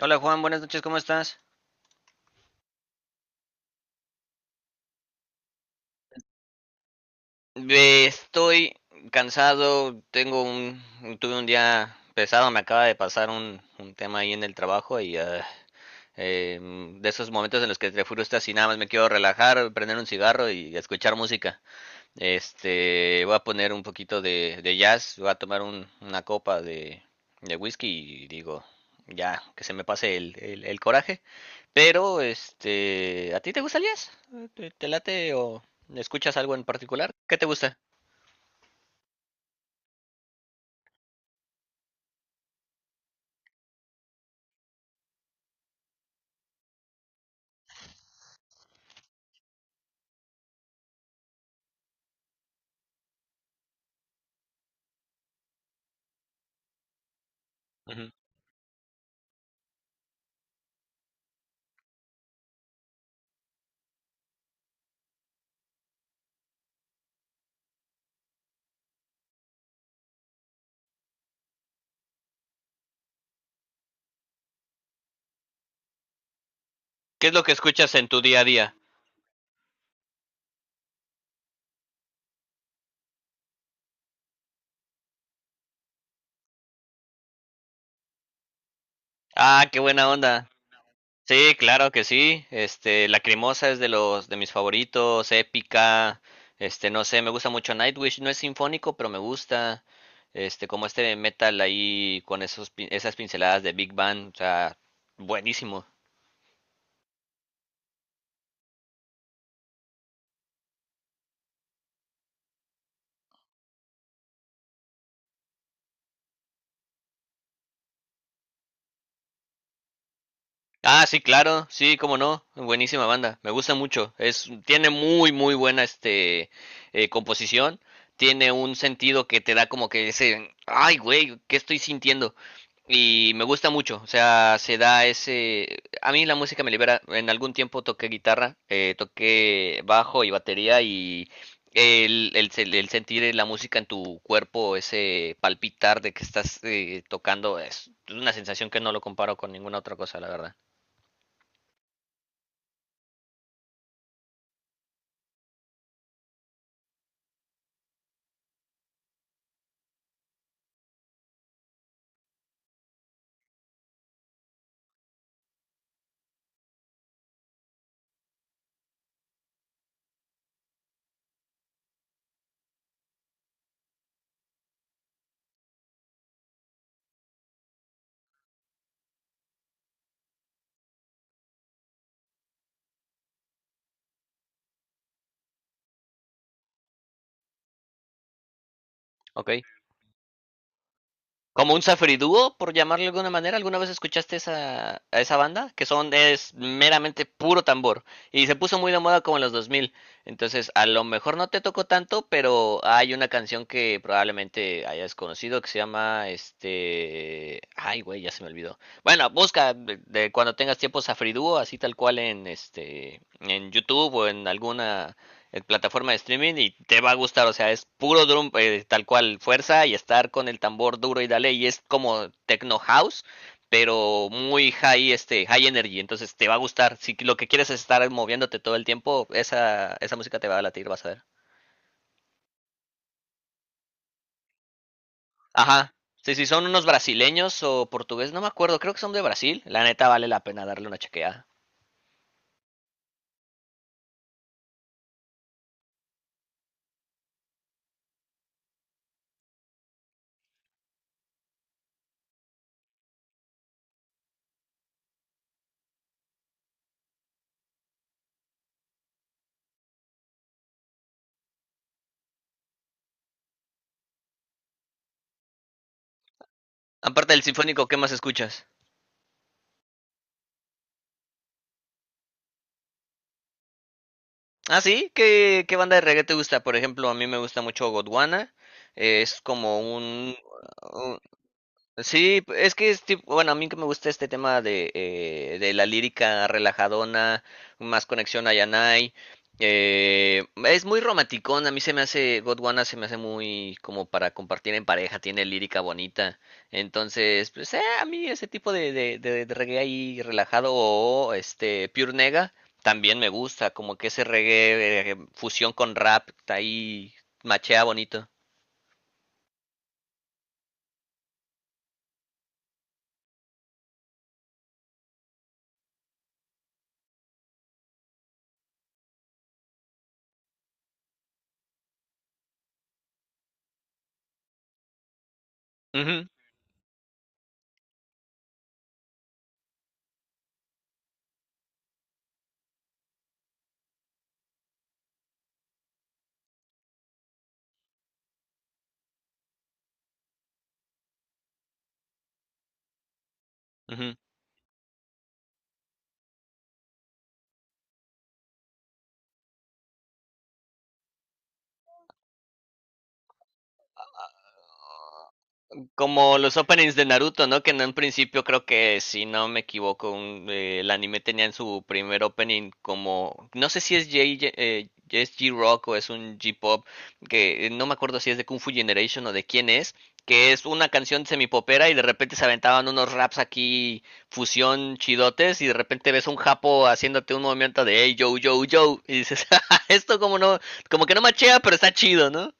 Hola Juan, buenas noches, ¿cómo estás? Estoy cansado, tuve un día pesado, me acaba de pasar un tema ahí en el trabajo y de esos momentos en los que te frustras y nada más me quiero relajar, prender un cigarro y escuchar música. Este, voy a poner un poquito de jazz, voy a tomar una copa de whisky y digo, ya, que se me pase el coraje. Pero, este, ¿a ti te gusta el jazz? ¿Te late o escuchas algo en particular? ¿Qué te gusta? Ujú. ¿Qué es lo que escuchas en tu día a día? Ah, qué buena onda. Sí, claro que sí. Este, Lacrimosa es de los de mis favoritos, épica. Este, no sé, me gusta mucho Nightwish, no es sinfónico, pero me gusta. Este, como este metal ahí con esas pinceladas de Big Bang, o sea, buenísimo. Ah, sí, claro, sí, cómo no, buenísima banda, me gusta mucho, es, tiene muy, muy buena composición, tiene un sentido que te da como que ese, ay, güey, ¿qué estoy sintiendo? Y me gusta mucho, o sea, se da ese. A mí la música me libera. En algún tiempo toqué guitarra, toqué bajo y batería y el sentir la música en tu cuerpo, ese palpitar de que estás tocando, es una sensación que no lo comparo con ninguna otra cosa, la verdad. Ok. Como un Safri Duo, por llamarlo de alguna manera. ¿Alguna vez escuchaste a esa banda? Que son, es meramente puro tambor. Y se puso muy de moda como en los 2000. Entonces, a lo mejor no te tocó tanto, pero hay una canción que probablemente hayas conocido que se llama. Ay, güey, ya se me olvidó. Bueno, busca de cuando tengas tiempo Safri Duo, así tal cual en YouTube o en alguna en plataforma de streaming y te va a gustar. O sea, es puro drum, tal cual, fuerza y estar con el tambor duro y dale. Y es como techno house, pero muy high energy. Entonces te va a gustar. Si lo que quieres es estar moviéndote todo el tiempo, esa música te va a latir, vas a ver. Ajá. Sí, sí, son unos brasileños o portugués, no me acuerdo, creo que son de Brasil. La neta vale la pena darle una chequeada. Aparte del sinfónico, ¿qué más escuchas? Ah, sí, ¿Qué banda de reggae te gusta? Por ejemplo, a mí me gusta mucho Godwana. Es como un, sí, es que es tipo, bueno, a mí que me gusta este tema de la lírica relajadona, más conexión a Yanai. Es muy romanticón, a mí se me hace, Gondwana se me hace muy como para compartir en pareja, tiene lírica bonita. Entonces, pues a mí ese tipo de reggae ahí relajado o este Pure Nega también me gusta, como que ese reggae fusión con rap, ahí machea bonito. Ujú, ujú. Como los openings de Naruto, ¿no? Que en un principio creo que, si no me equivoco, el anime tenía en su primer opening como, no sé si es J, es G-Rock o es un j pop que no me acuerdo si es de Kung Fu Generation o de quién es, que es una canción semipopera y de repente se aventaban unos raps aquí, fusión chidotes, y de repente ves un japo haciéndote un movimiento de hey, yo, y dices, esto como no, como que no machea, pero está chido, ¿no?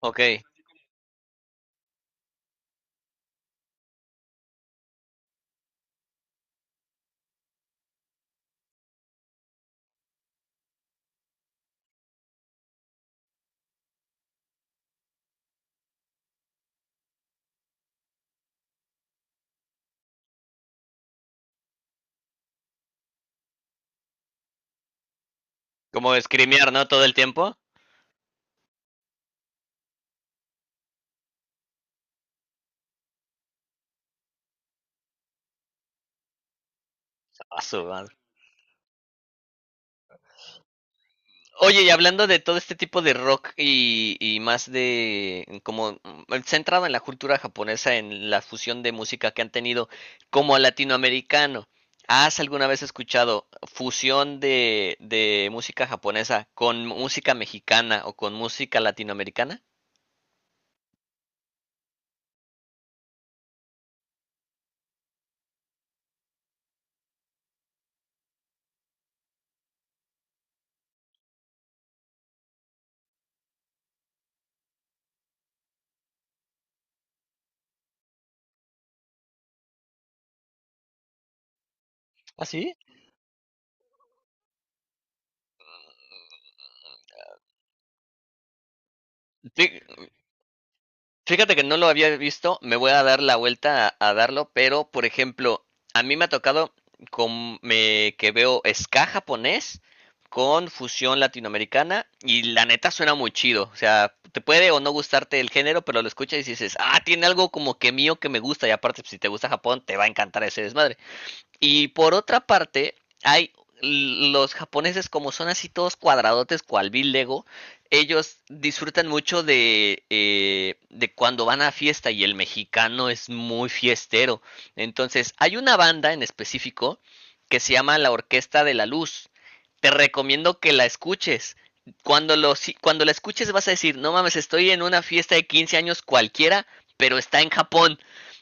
Ok, como escrimear, ¿no? Todo el tiempo. A su madre. Oye, y hablando de todo este tipo de rock y más de como centrado en la cultura japonesa, en la fusión de música que han tenido como latinoamericano, ¿has alguna vez escuchado fusión de música japonesa con música mexicana o con música latinoamericana? ¿Ah, sí? Sí. Fíjate que no lo había visto, me voy a dar la vuelta a darlo, pero por ejemplo, a mí me ha tocado que veo ska japonés con fusión latinoamericana y la neta suena muy chido, o sea, te puede o no gustarte el género, pero lo escuchas y dices, ah, tiene algo como que mío que me gusta y aparte pues, si te gusta Japón te va a encantar ese desmadre. Y por otra parte, hay los japoneses como son así todos cuadradotes cual Bill Lego, ellos disfrutan mucho de cuando van a fiesta y el mexicano es muy fiestero. Entonces, hay una banda en específico que se llama La Orquesta de la Luz. Te recomiendo que la escuches. Cuando, lo, si- cuando la escuches vas a decir, no mames, estoy en una fiesta de 15 años cualquiera, pero está en Japón.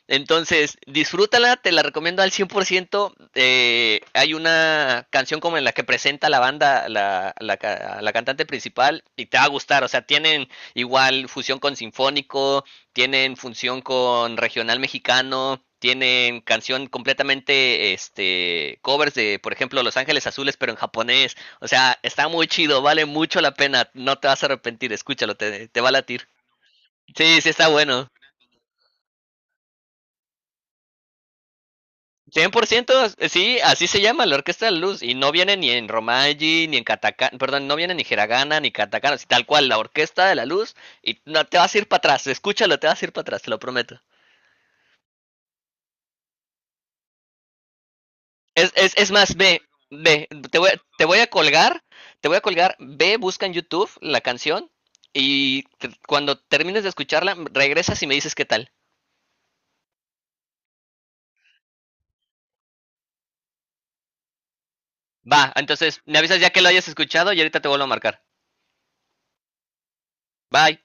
Entonces, disfrútala, te la recomiendo al 100%. Hay una canción como en la que presenta la banda, la cantante principal, y te va a gustar. O sea, tienen igual fusión con sinfónico, tienen fusión con regional mexicano, tienen canción completamente, este, covers de, por ejemplo, Los Ángeles Azules, pero en japonés. O sea, está muy chido, vale mucho la pena. No te vas a arrepentir, escúchalo, te va a latir. Sí, sí, está bueno. Cien por ciento sí, así se llama la Orquesta de la Luz. Y no viene ni en Romaji, ni en Katakana, perdón, no viene ni Hiragana, ni Katakana, así tal cual, la Orquesta de la Luz. Y no, te vas a ir para atrás, escúchalo, te vas a ir para atrás, te lo prometo. Es más, ve, te voy, te voy a colgar, te voy a colgar, ve, busca en YouTube la canción y cuando termines de escucharla, regresas y me dices qué tal. Va, entonces me avisas ya que lo hayas escuchado y ahorita te vuelvo a marcar. Bye.